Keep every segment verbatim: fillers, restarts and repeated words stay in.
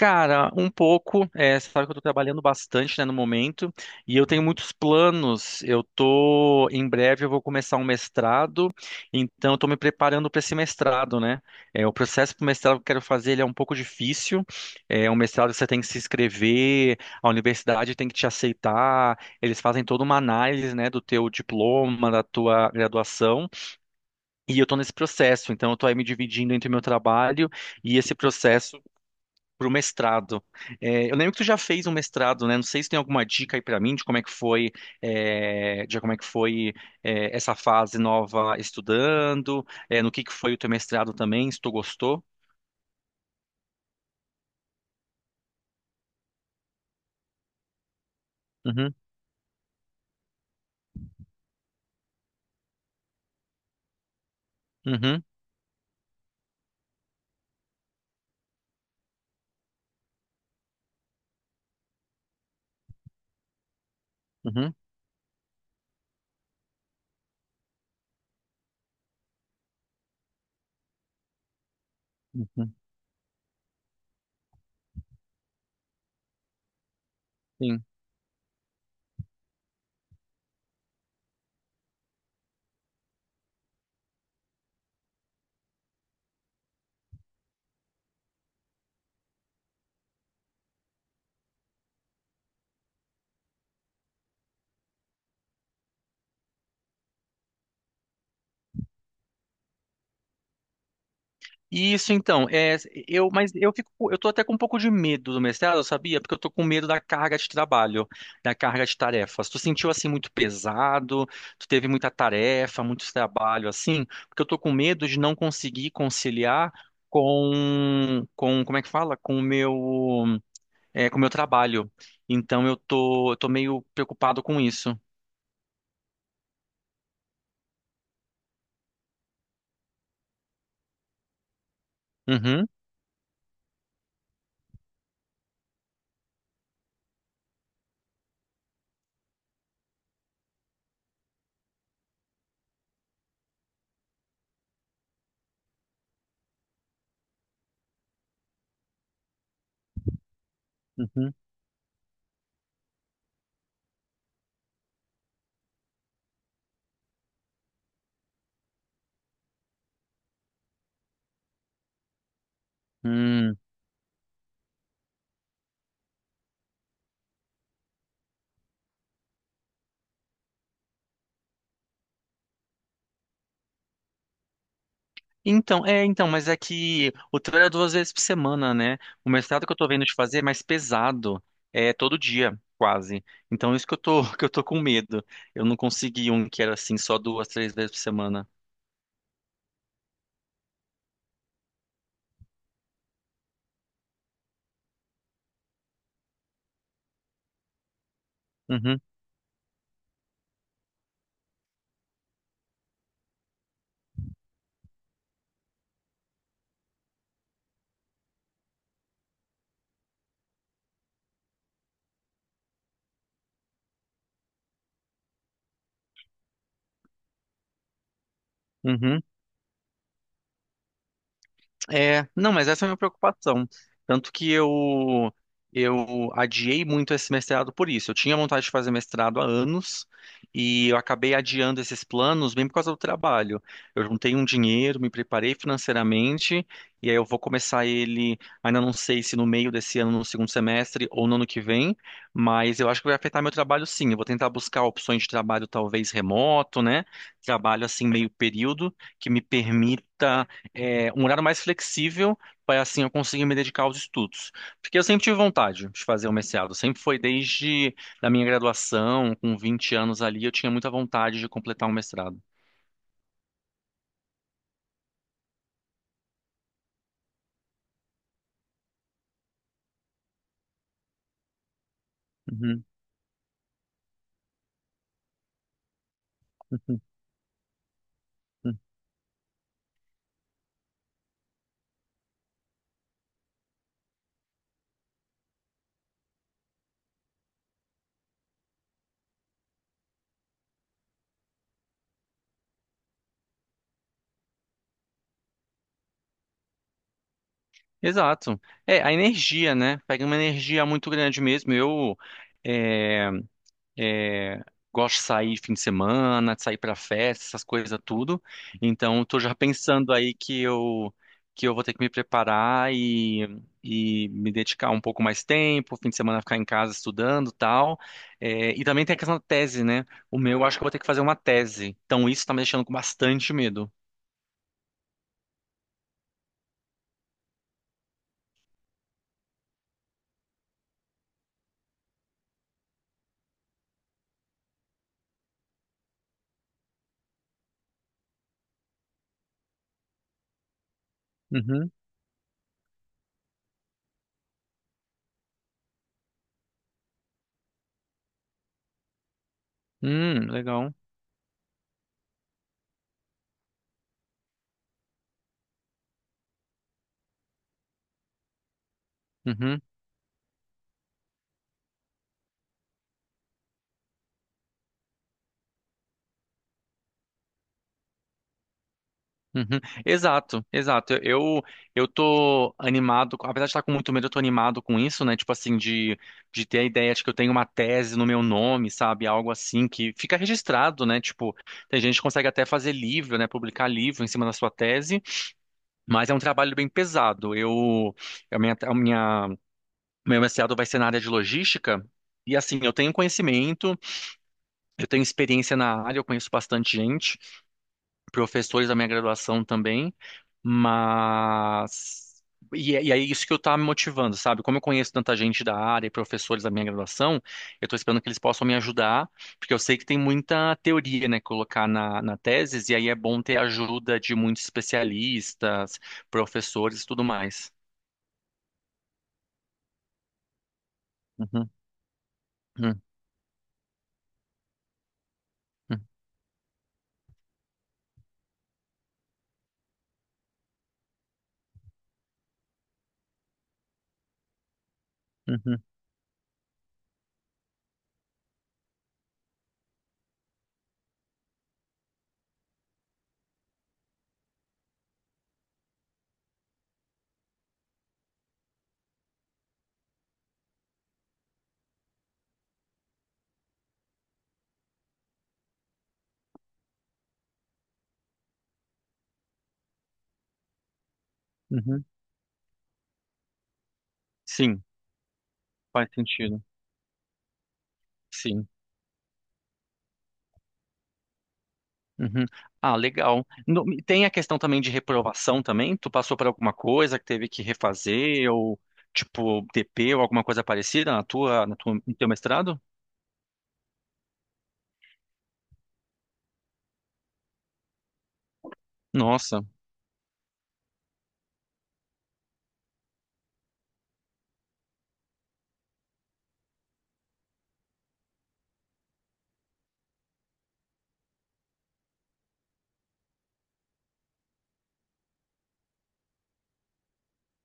Cara, um pouco, é, você sabe que eu tô trabalhando bastante, né, no momento, e eu tenho muitos planos. Eu tô, em breve eu vou começar um mestrado, então eu tô me preparando para esse mestrado, né? É, o processo para o mestrado que eu quero fazer, ele é um pouco difícil. É um mestrado que você tem que se inscrever, a universidade tem que te aceitar, eles fazem toda uma análise, né, do teu diploma, da tua graduação, e eu tô nesse processo, então eu tô aí me dividindo entre o meu trabalho e esse processo pro mestrado. É, eu lembro que tu já fez um mestrado, né? Não sei se tem alguma dica aí pra mim de como é que foi, é, de como é que foi, é, essa fase nova estudando, é, no que que foi o teu mestrado também, se tu gostou. Uhum, uhum, uhum, uhum, sim. Isso então, é, eu, mas eu fico, eu tô até com um pouco de medo do mestrado, sabia? Porque eu tô com medo da carga de trabalho, da carga de tarefas. Tu sentiu assim muito pesado, tu teve muita tarefa, muito trabalho assim, porque eu tô com medo de não conseguir conciliar com, com, como é que fala? Com o meu, é, com o meu trabalho. Então eu tô, eu tô meio preocupado com isso. Uhum, uhum. Hum. Então, é, então, mas é que o trabalho é duas vezes por semana, né? O mestrado que eu tô vendo de fazer é mais pesado, é todo dia, quase. Então, isso que eu tô, que eu tô com medo. Eu não consegui um que era assim, só duas, três vezes por semana. Uhum, uhum. É, não, mas essa é a minha preocupação. Tanto que eu eu adiei muito esse mestrado por isso. Eu tinha vontade de fazer mestrado há anos e eu acabei adiando esses planos bem por causa do trabalho. Eu juntei um dinheiro, me preparei financeiramente e aí eu vou começar ele, ainda não sei se no meio desse ano, no segundo semestre ou no ano que vem, mas eu acho que vai afetar meu trabalho sim. Eu vou tentar buscar opções de trabalho talvez remoto, né? Trabalho assim meio período que me permita é, um horário mais flexível para assim eu conseguir me dedicar aos estudos. Porque eu sempre tive vontade de fazer o mestrado, sempre foi desde a minha graduação, com vinte anos ali, eu tinha muita vontade de completar um mestrado. Uhum, uhum, uhum. Exato. É, a energia, né? Pega uma energia muito grande mesmo. Eu é, É, gosto de sair fim de semana, de sair pra festa, essas coisas tudo. Então, tô já pensando aí que eu que eu vou ter que me preparar e, e me dedicar um pouco mais tempo, fim de semana ficar em casa estudando, tal. É, e também tem a questão da tese, né? O meu, eu acho que eu vou ter que fazer uma tese. Então, isso tá me deixando com bastante medo. Uhum. Hum, legal. Uhum. Uhum. Exato, exato. Eu eu tô animado, com- apesar de estar com muito medo, eu tô animado com isso, né? Tipo assim, de, de ter a ideia de que eu tenho uma tese no meu nome, sabe? Algo assim que fica registrado, né? Tipo, tem gente que consegue até fazer livro, né? Publicar livro em cima da sua tese, mas é um trabalho bem pesado. Eu a minha a minha meu mestrado vai ser na área de logística. E assim, eu tenho conhecimento, eu tenho experiência na área, eu conheço bastante gente, professores da minha graduação também, mas. E é, e é isso que eu tá me motivando, sabe? Como eu conheço tanta gente da área e professores da minha graduação, eu tô esperando que eles possam me ajudar, porque eu sei que tem muita teoria, né, colocar na, na tese, e aí é bom ter ajuda de muitos especialistas, professores e tudo mais. Uhum, uhum, uhum, uhum, uhum. Sim, faz sentido. Sim. Uhum. Ah, legal. No- tem a questão também de reprovação também? Tu passou por alguma coisa que teve que refazer ou tipo T P ou alguma coisa parecida na tua, na tua, no teu mestrado? Nossa.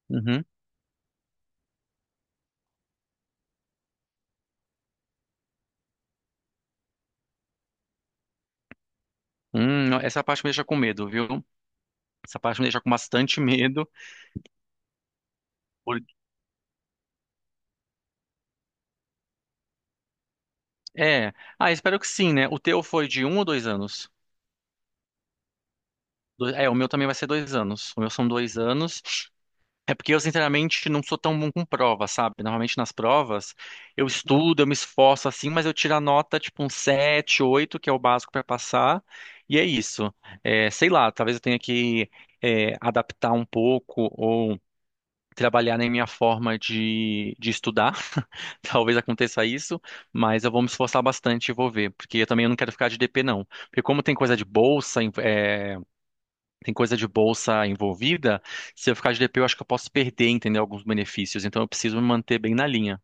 Uhum. Hum, não, essa parte me deixa com medo, viu? Essa parte me deixa com bastante medo. por- É. Ah, espero que sim, né? O teu foi de um ou dois anos? Do- É, o meu também vai ser dois anos. O meu são dois anos. É porque eu, sinceramente, não sou tão bom com prova, sabe? Normalmente nas provas eu estudo, eu me esforço assim, mas eu tiro a nota tipo um sete, oito que é o básico para passar, e é isso. É, sei lá, talvez eu tenha que é, adaptar um pouco ou trabalhar na minha forma de, de estudar, talvez aconteça isso, mas eu vou me esforçar bastante e vou ver, porque eu também não quero ficar de D P, não. Porque como tem coisa de bolsa, tem coisa de bolsa envolvida, se eu ficar de D P, eu acho que eu posso perder, entendeu? Alguns benefícios. Então eu preciso me manter bem na linha.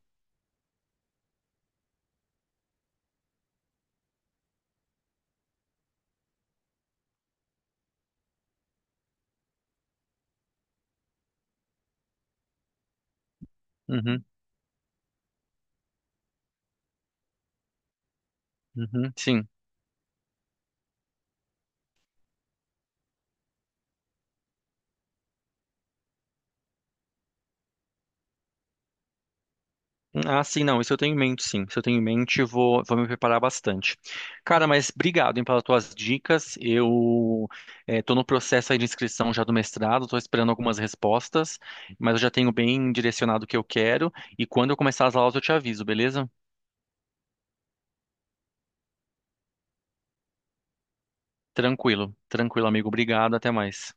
Uhum, uhum, sim. Ah, sim, não. Isso eu tenho em mente, sim. Isso eu tenho em mente, vou, vou me preparar bastante. Cara, mas obrigado, hein, pelas tuas dicas. Eu estou no processo aí de inscrição já do mestrado, estou esperando algumas respostas, mas eu já tenho bem direcionado o que eu quero. E quando eu começar as aulas, eu te aviso, beleza? Tranquilo, tranquilo, amigo. Obrigado, até mais.